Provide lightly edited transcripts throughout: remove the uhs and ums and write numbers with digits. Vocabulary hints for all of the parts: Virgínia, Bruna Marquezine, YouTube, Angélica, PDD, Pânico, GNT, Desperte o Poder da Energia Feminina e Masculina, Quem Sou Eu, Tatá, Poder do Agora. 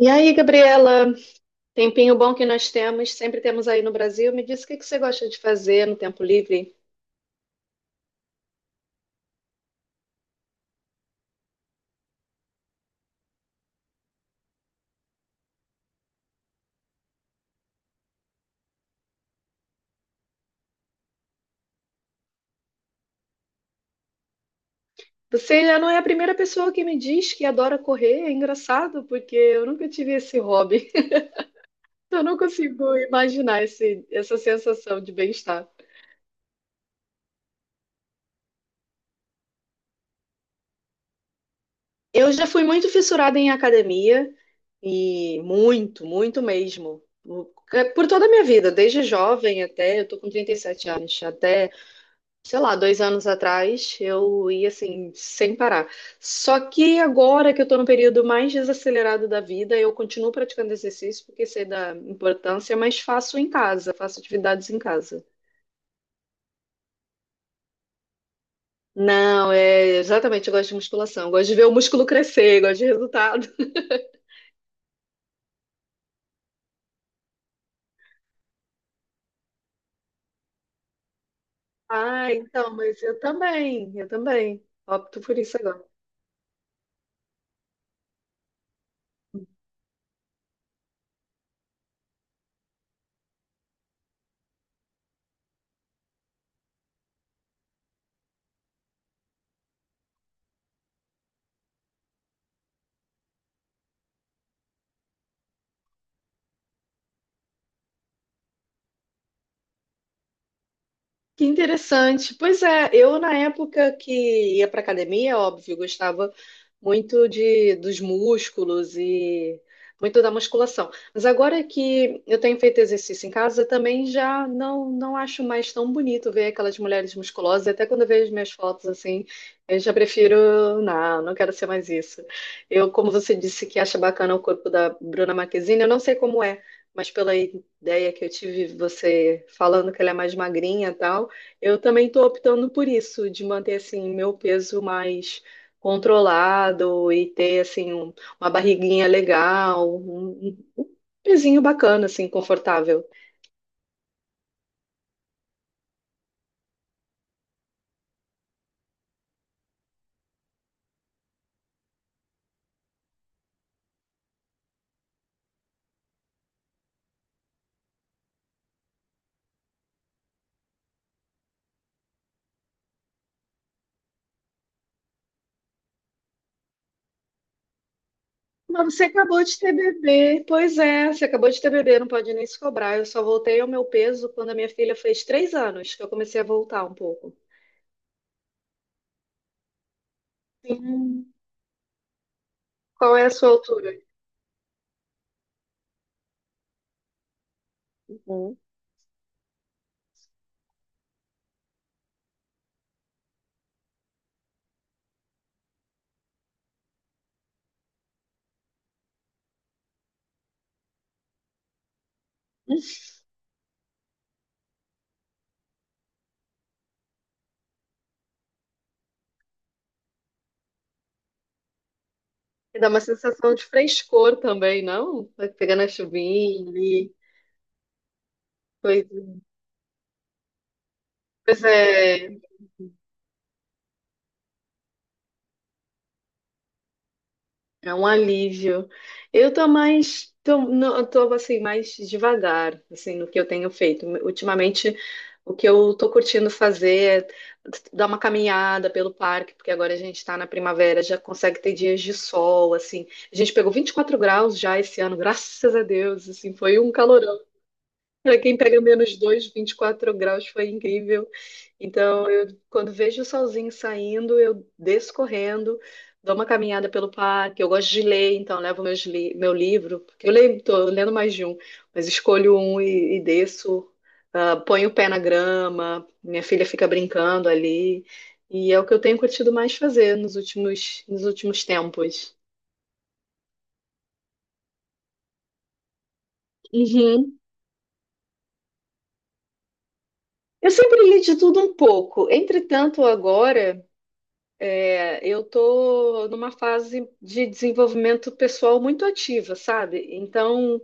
E aí, Gabriela, tempinho bom que nós temos, sempre temos aí no Brasil. Me diz o que que você gosta de fazer no tempo livre? Você já não é a primeira pessoa que me diz que adora correr, é engraçado, porque eu nunca tive esse hobby. Eu não consigo imaginar essa sensação de bem-estar. Eu já fui muito fissurada em academia, e muito, muito mesmo. Por toda a minha vida, desde jovem até, eu tô com 37 anos, até sei lá, 2 anos atrás, eu ia assim, sem parar. Só que agora que eu tô no período mais desacelerado da vida, eu continuo praticando exercício porque sei da importância, mas faço em casa, faço atividades em casa. Não, é exatamente, eu gosto de musculação, eu gosto de ver o músculo crescer, eu gosto de resultado. Ah, então, mas eu também, eu também. Opto por isso agora. Que interessante. Pois é, eu na época que ia para academia, óbvio, gostava muito de dos músculos e muito da musculação. Mas agora que eu tenho feito exercício em casa, também já não acho mais tão bonito ver aquelas mulheres musculosas. Até quando eu vejo minhas fotos assim, eu já prefiro, não, não quero ser mais isso. Eu, como você disse que acha bacana o corpo da Bruna Marquezine, eu não sei como é. Mas pela ideia que eu tive, você falando que ela é mais magrinha e tal, eu também estou optando por isso, de manter assim meu peso mais controlado e ter assim uma barriguinha legal, um pezinho bacana, assim, confortável. Mas você acabou de ter bebê, pois é, você acabou de ter bebê, não pode nem se cobrar. Eu só voltei ao meu peso quando a minha filha fez 3 anos, que eu comecei a voltar um pouco. Sim. Qual é a sua altura? Uhum. E dá uma sensação de frescor também, não? Vai pegando a chuvinha ali. Pois pois é. É um alívio. Eu tô mais, tô, não, eu tô assim mais devagar, assim, no que eu tenho feito. Ultimamente, o que eu tô curtindo fazer é dar uma caminhada pelo parque, porque agora a gente tá na primavera, já consegue ter dias de sol, assim. A gente pegou 24 graus já esse ano, graças a Deus, assim, foi um para quem pega -2, 24 graus foi incrível. Então, eu, quando vejo o solzinho saindo, eu desço correndo, dou uma caminhada pelo parque. Eu gosto de ler, então levo meu livro, porque eu leio, tô lendo mais de um, mas escolho um e desço, ah, ponho o pé na grama, minha filha fica brincando ali. E é o que eu tenho curtido mais fazer nos últimos tempos. Uhum. Eu sempre li de tudo um pouco. Entretanto, agora é, eu estou numa fase de desenvolvimento pessoal muito ativa, sabe? Então,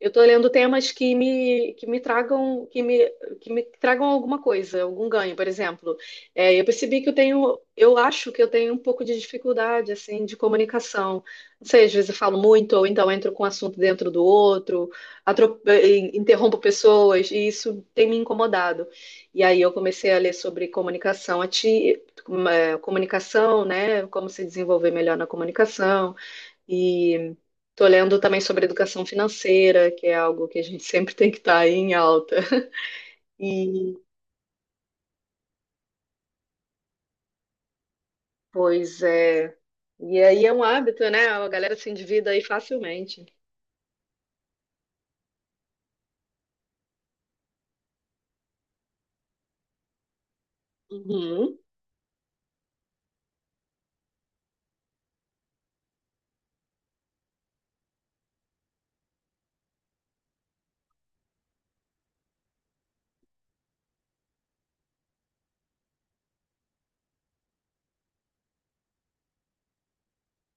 eu estou lendo temas que me tragam alguma coisa, algum ganho, por exemplo. É, eu percebi que eu tenho, eu acho que eu tenho um pouco de dificuldade, assim, de comunicação. Não sei, às vezes eu falo muito, ou então entro com um assunto dentro do outro, interrompo pessoas, e isso tem me incomodado. E aí eu comecei a ler sobre comunicação ativa, uma comunicação, né? Como se desenvolver melhor na comunicação. E estou lendo também sobre educação financeira, que é algo que a gente sempre tem que estar em alta. E, pois é. E aí é um hábito, né? A galera se endivida aí facilmente. Uhum,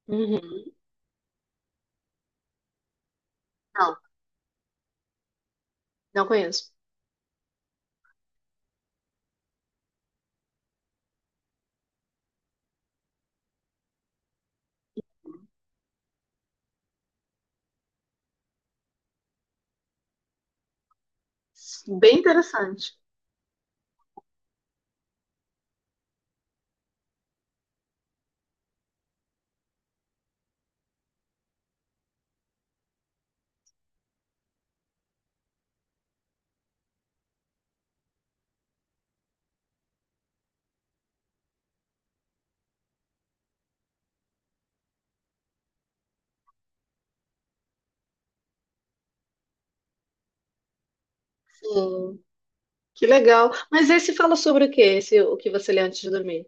uhum. Não, não conheço. Bem interessante. Sim, que legal. Mas esse fala sobre o quê? Esse, o que você lê antes de dormir?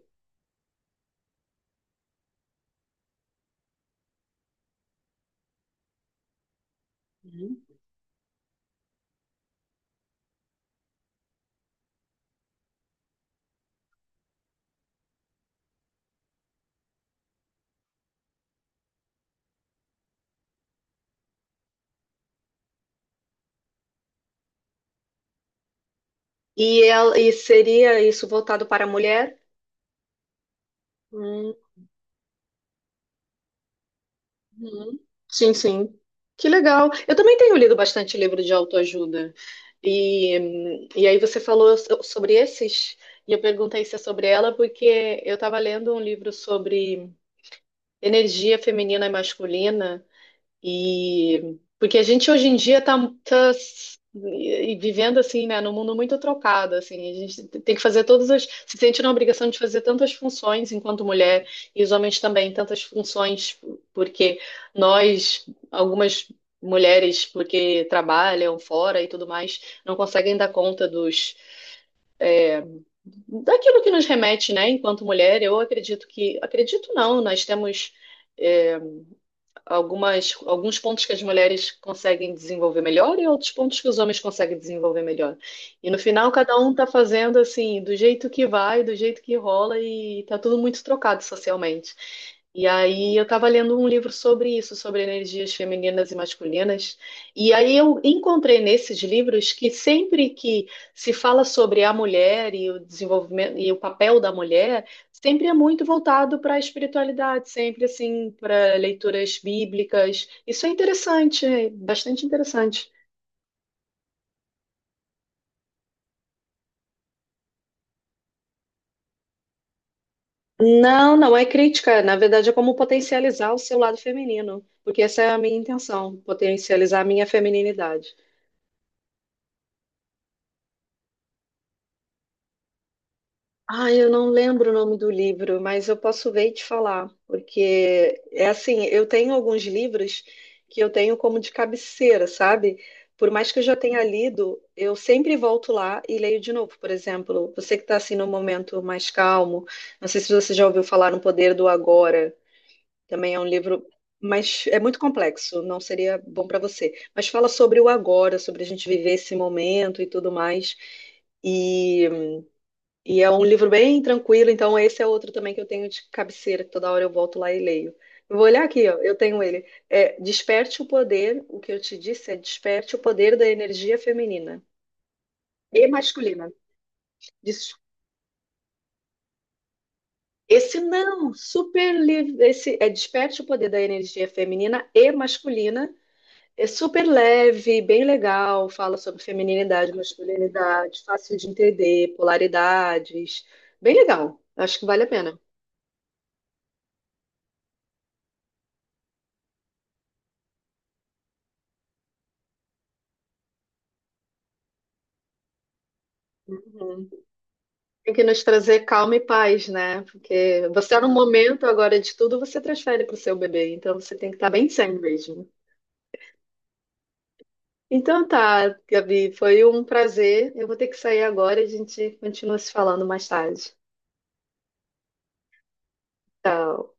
Uhum. E, e seria isso voltado para a mulher? Uhum. Sim, sim. Que legal. Eu também tenho lido bastante livro de autoajuda. E aí você falou sobre esses, e eu perguntei se é sobre ela, porque eu estava lendo um livro sobre energia feminina e masculina. E porque a gente hoje em dia está vivendo assim, né, num mundo muito trocado, assim, a gente tem que fazer todas as, se sente na obrigação de fazer tantas funções enquanto mulher e os homens também tantas funções, porque nós, algumas mulheres, porque trabalham fora e tudo mais, não conseguem dar conta dos daquilo que nos remete, né, enquanto mulher. Eu acredito que, acredito não, nós temos é, algumas, alguns pontos que as mulheres conseguem desenvolver melhor e outros pontos que os homens conseguem desenvolver melhor. E no final, cada um tá fazendo assim, do jeito que vai, do jeito que rola, e tá tudo muito trocado socialmente. E aí eu estava lendo um livro sobre isso, sobre energias femininas e masculinas. E aí eu encontrei nesses livros que sempre que se fala sobre a mulher e o desenvolvimento e o papel da mulher, sempre é muito voltado para a espiritualidade, sempre assim, para leituras bíblicas. Isso é interessante, é bastante interessante. Não, não é crítica, na verdade é como potencializar o seu lado feminino, porque essa é a minha intenção, potencializar a minha femininidade. Ah, eu não lembro o nome do livro, mas eu posso ver e te falar, porque é assim, eu tenho alguns livros que eu tenho como de cabeceira, sabe? Por mais que eu já tenha lido, eu sempre volto lá e leio de novo. Por exemplo, você que está assim num momento mais calmo, não sei se você já ouviu falar no Poder do Agora, também é um livro, mas é muito complexo, não seria bom para você. Mas fala sobre o agora, sobre a gente viver esse momento e tudo mais. E e é um livro bem tranquilo, então esse é outro também que eu tenho de cabeceira, que toda hora eu volto lá e leio. Eu vou olhar aqui, ó, eu tenho ele. É Desperte o Poder, o que eu te disse é Desperte o Poder da Energia Feminina e Masculina. Des- Esse não, super livre, esse é Desperte o Poder da Energia Feminina e Masculina. É super leve, bem legal, fala sobre feminilidade, masculinidade, fácil de entender, polaridades. Bem legal, acho que vale a pena. Uhum. Tem que nos trazer calma e paz, né? Porque você tá no momento agora de tudo você transfere para o seu bebê, então você tem que estar bem sendo mesmo. Então tá, Gabi, foi um prazer. Eu vou ter que sair agora e a gente continua se falando mais tarde. Tchau.